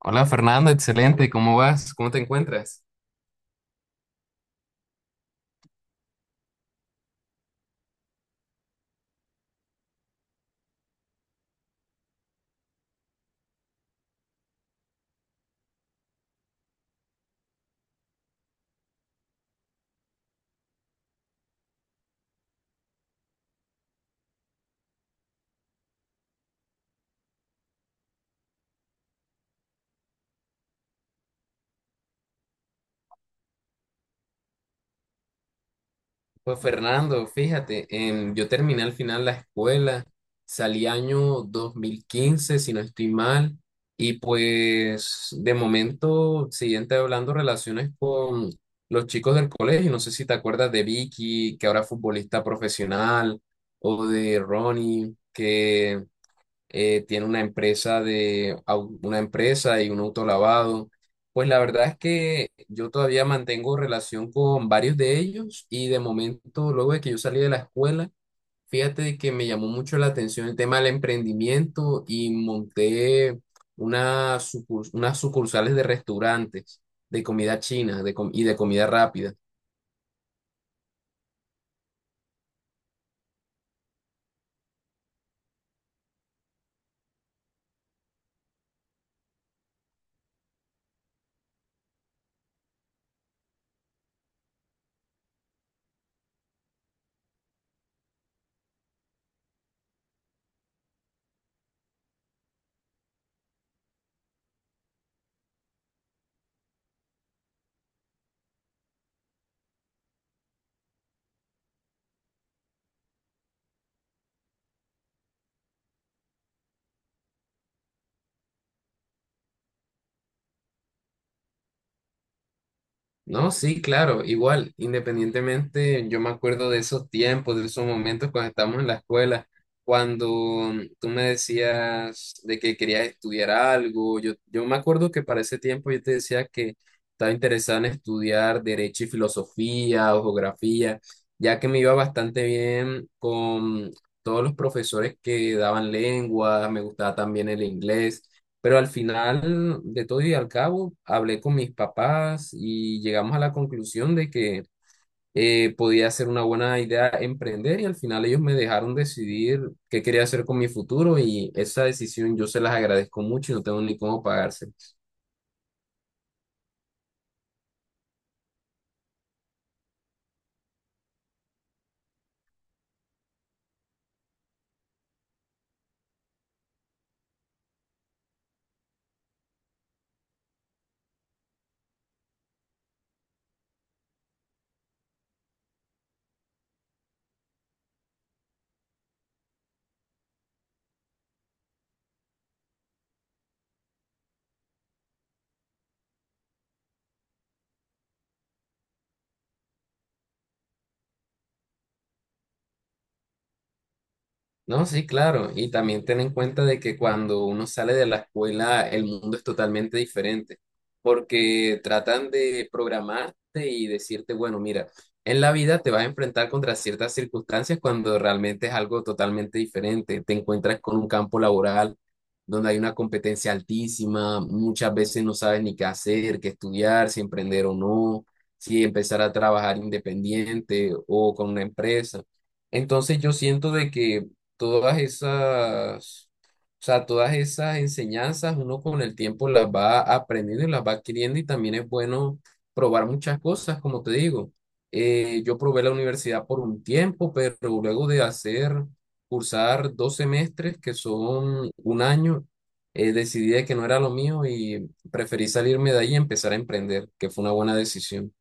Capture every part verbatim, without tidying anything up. Hola Fernando, excelente, ¿cómo vas? ¿Cómo te encuentras? Pues Fernando, fíjate, em, yo terminé al final la escuela, salí año dos mil quince, si no estoy mal, y pues de momento siguiente hablando relaciones con los chicos del colegio, no sé si te acuerdas de Vicky, que ahora es futbolista profesional, o de Ronnie, que eh, tiene una empresa de au- una empresa y un autolavado. Pues la verdad es que yo todavía mantengo relación con varios de ellos y de momento, luego de que yo salí de la escuela, fíjate que me llamó mucho la atención el tema del emprendimiento y monté una sucurs- unas sucursales de restaurantes de comida china de com- y de comida rápida. No, sí, claro, igual, independientemente, yo me acuerdo de esos tiempos, de esos momentos cuando estábamos en la escuela, cuando mm, tú me decías de que querías estudiar algo, yo, yo me acuerdo que para ese tiempo yo te decía que estaba interesado en estudiar derecho y filosofía o geografía, ya que me iba bastante bien con todos los profesores que daban lengua, me gustaba también el inglés. Pero al final de todo y al cabo, hablé con mis papás y llegamos a la conclusión de que eh, podía ser una buena idea emprender y al final ellos me dejaron decidir qué quería hacer con mi futuro y esa decisión yo se las agradezco mucho y no tengo ni cómo pagársela. No, sí, claro. Y también ten en cuenta de que cuando uno sale de la escuela, el mundo es totalmente diferente, porque tratan de programarte y decirte, bueno, mira, en la vida te vas a enfrentar contra ciertas circunstancias cuando realmente es algo totalmente diferente. Te encuentras con un campo laboral donde hay una competencia altísima, muchas veces no sabes ni qué hacer, qué estudiar, si emprender o no, si empezar a trabajar independiente o con una empresa. Entonces yo siento de que todas esas, o sea, todas esas enseñanzas uno con el tiempo las va aprendiendo y las va adquiriendo y también es bueno probar muchas cosas, como te digo. Eh, yo probé la universidad por un tiempo, pero luego de hacer, cursar dos semestres, que son un año, eh, decidí de que no era lo mío y preferí salirme de ahí y empezar a emprender, que fue una buena decisión.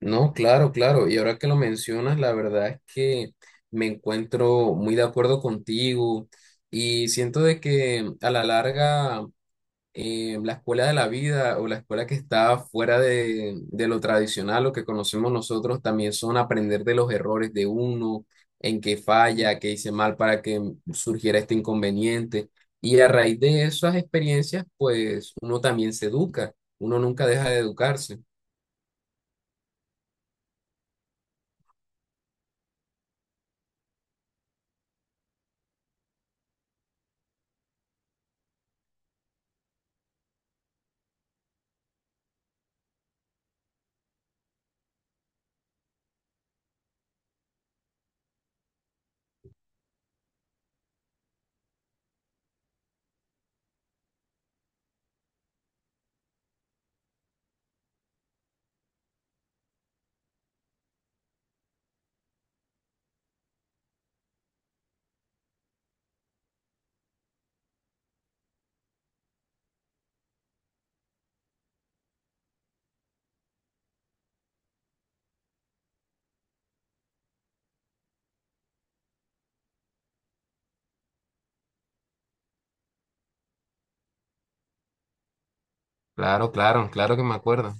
No, claro, claro. Y ahora que lo mencionas, la verdad es que me encuentro muy de acuerdo contigo y siento de que a la larga eh, la escuela de la vida o la escuela que está fuera de, de lo tradicional, lo que conocemos nosotros, también son aprender de los errores de uno, en qué falla, qué hice mal para que surgiera este inconveniente. Y a raíz de esas experiencias, pues uno también se educa, uno nunca deja de educarse. Claro, claro, claro que me acuerdo.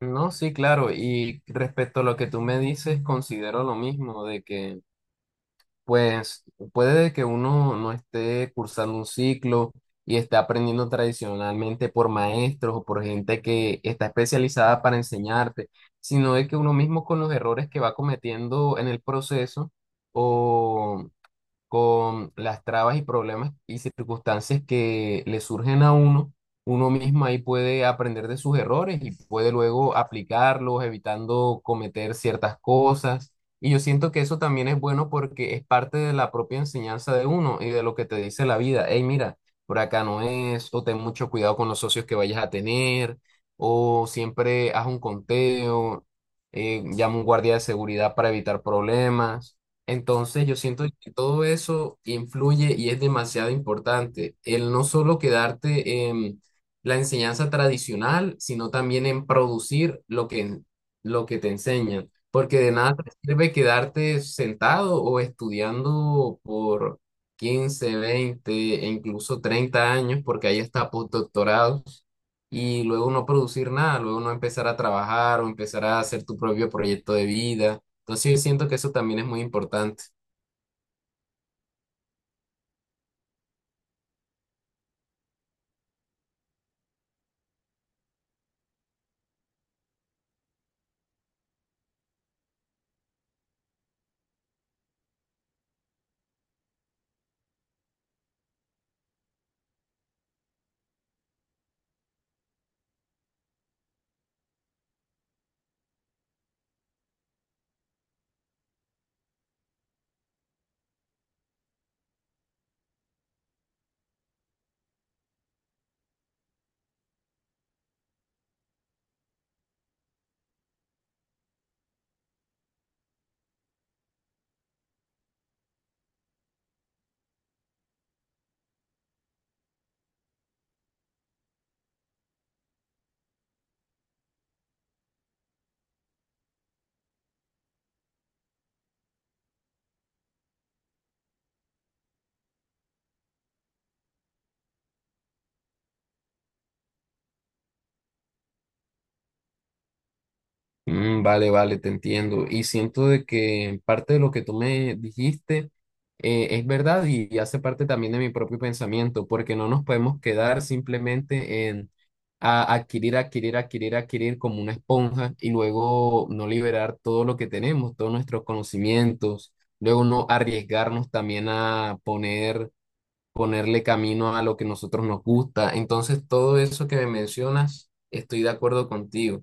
No, sí, claro. Y respecto a lo que tú me dices, considero lo mismo, de que, pues, puede que uno no esté cursando un ciclo y esté aprendiendo tradicionalmente por maestros o por gente que está especializada para enseñarte, sino de que uno mismo con los errores que va cometiendo en el proceso con las trabas y problemas y circunstancias que le surgen a uno, uno mismo ahí puede aprender de sus errores y puede luego aplicarlos, evitando cometer ciertas cosas. Y yo siento que eso también es bueno porque es parte de la propia enseñanza de uno y de lo que te dice la vida. Hey, mira, por acá no es, o ten mucho cuidado con los socios que vayas a tener, o siempre haz un conteo, eh, llama un guardia de seguridad para evitar problemas. Entonces yo siento que todo eso influye y es demasiado importante. El no solo quedarte en la enseñanza tradicional, sino también en producir lo que, lo que te enseñan. Porque de nada te sirve quedarte sentado o estudiando por quince veinte e incluso treinta años, porque ahí está postdoctorados y luego no producir nada, luego no empezar a trabajar o empezar a hacer tu propio proyecto de vida. Entonces yo siento que eso también es muy importante. Mm, vale, vale, te entiendo. Y siento de que parte de lo que tú me dijiste eh, es verdad y, y hace parte también de mi propio pensamiento, porque no nos podemos quedar simplemente en a- adquirir, adquirir, adquirir, adquirir como una esponja y luego no liberar todo lo que tenemos, todos nuestros conocimientos, luego no arriesgarnos también a poner ponerle camino a lo que nosotros nos gusta. Entonces, todo eso que me mencionas, estoy de acuerdo contigo.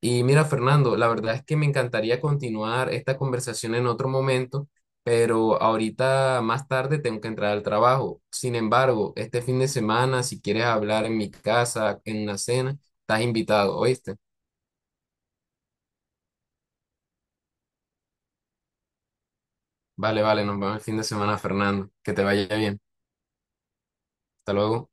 Y mira, Fernando, la verdad es que me encantaría continuar esta conversación en otro momento, pero ahorita más tarde tengo que entrar al trabajo. Sin embargo, este fin de semana, si quieres hablar en mi casa, en una cena, estás invitado, ¿oíste? Vale, vale, nos vemos el fin de semana, Fernando. Que te vaya bien. Hasta luego.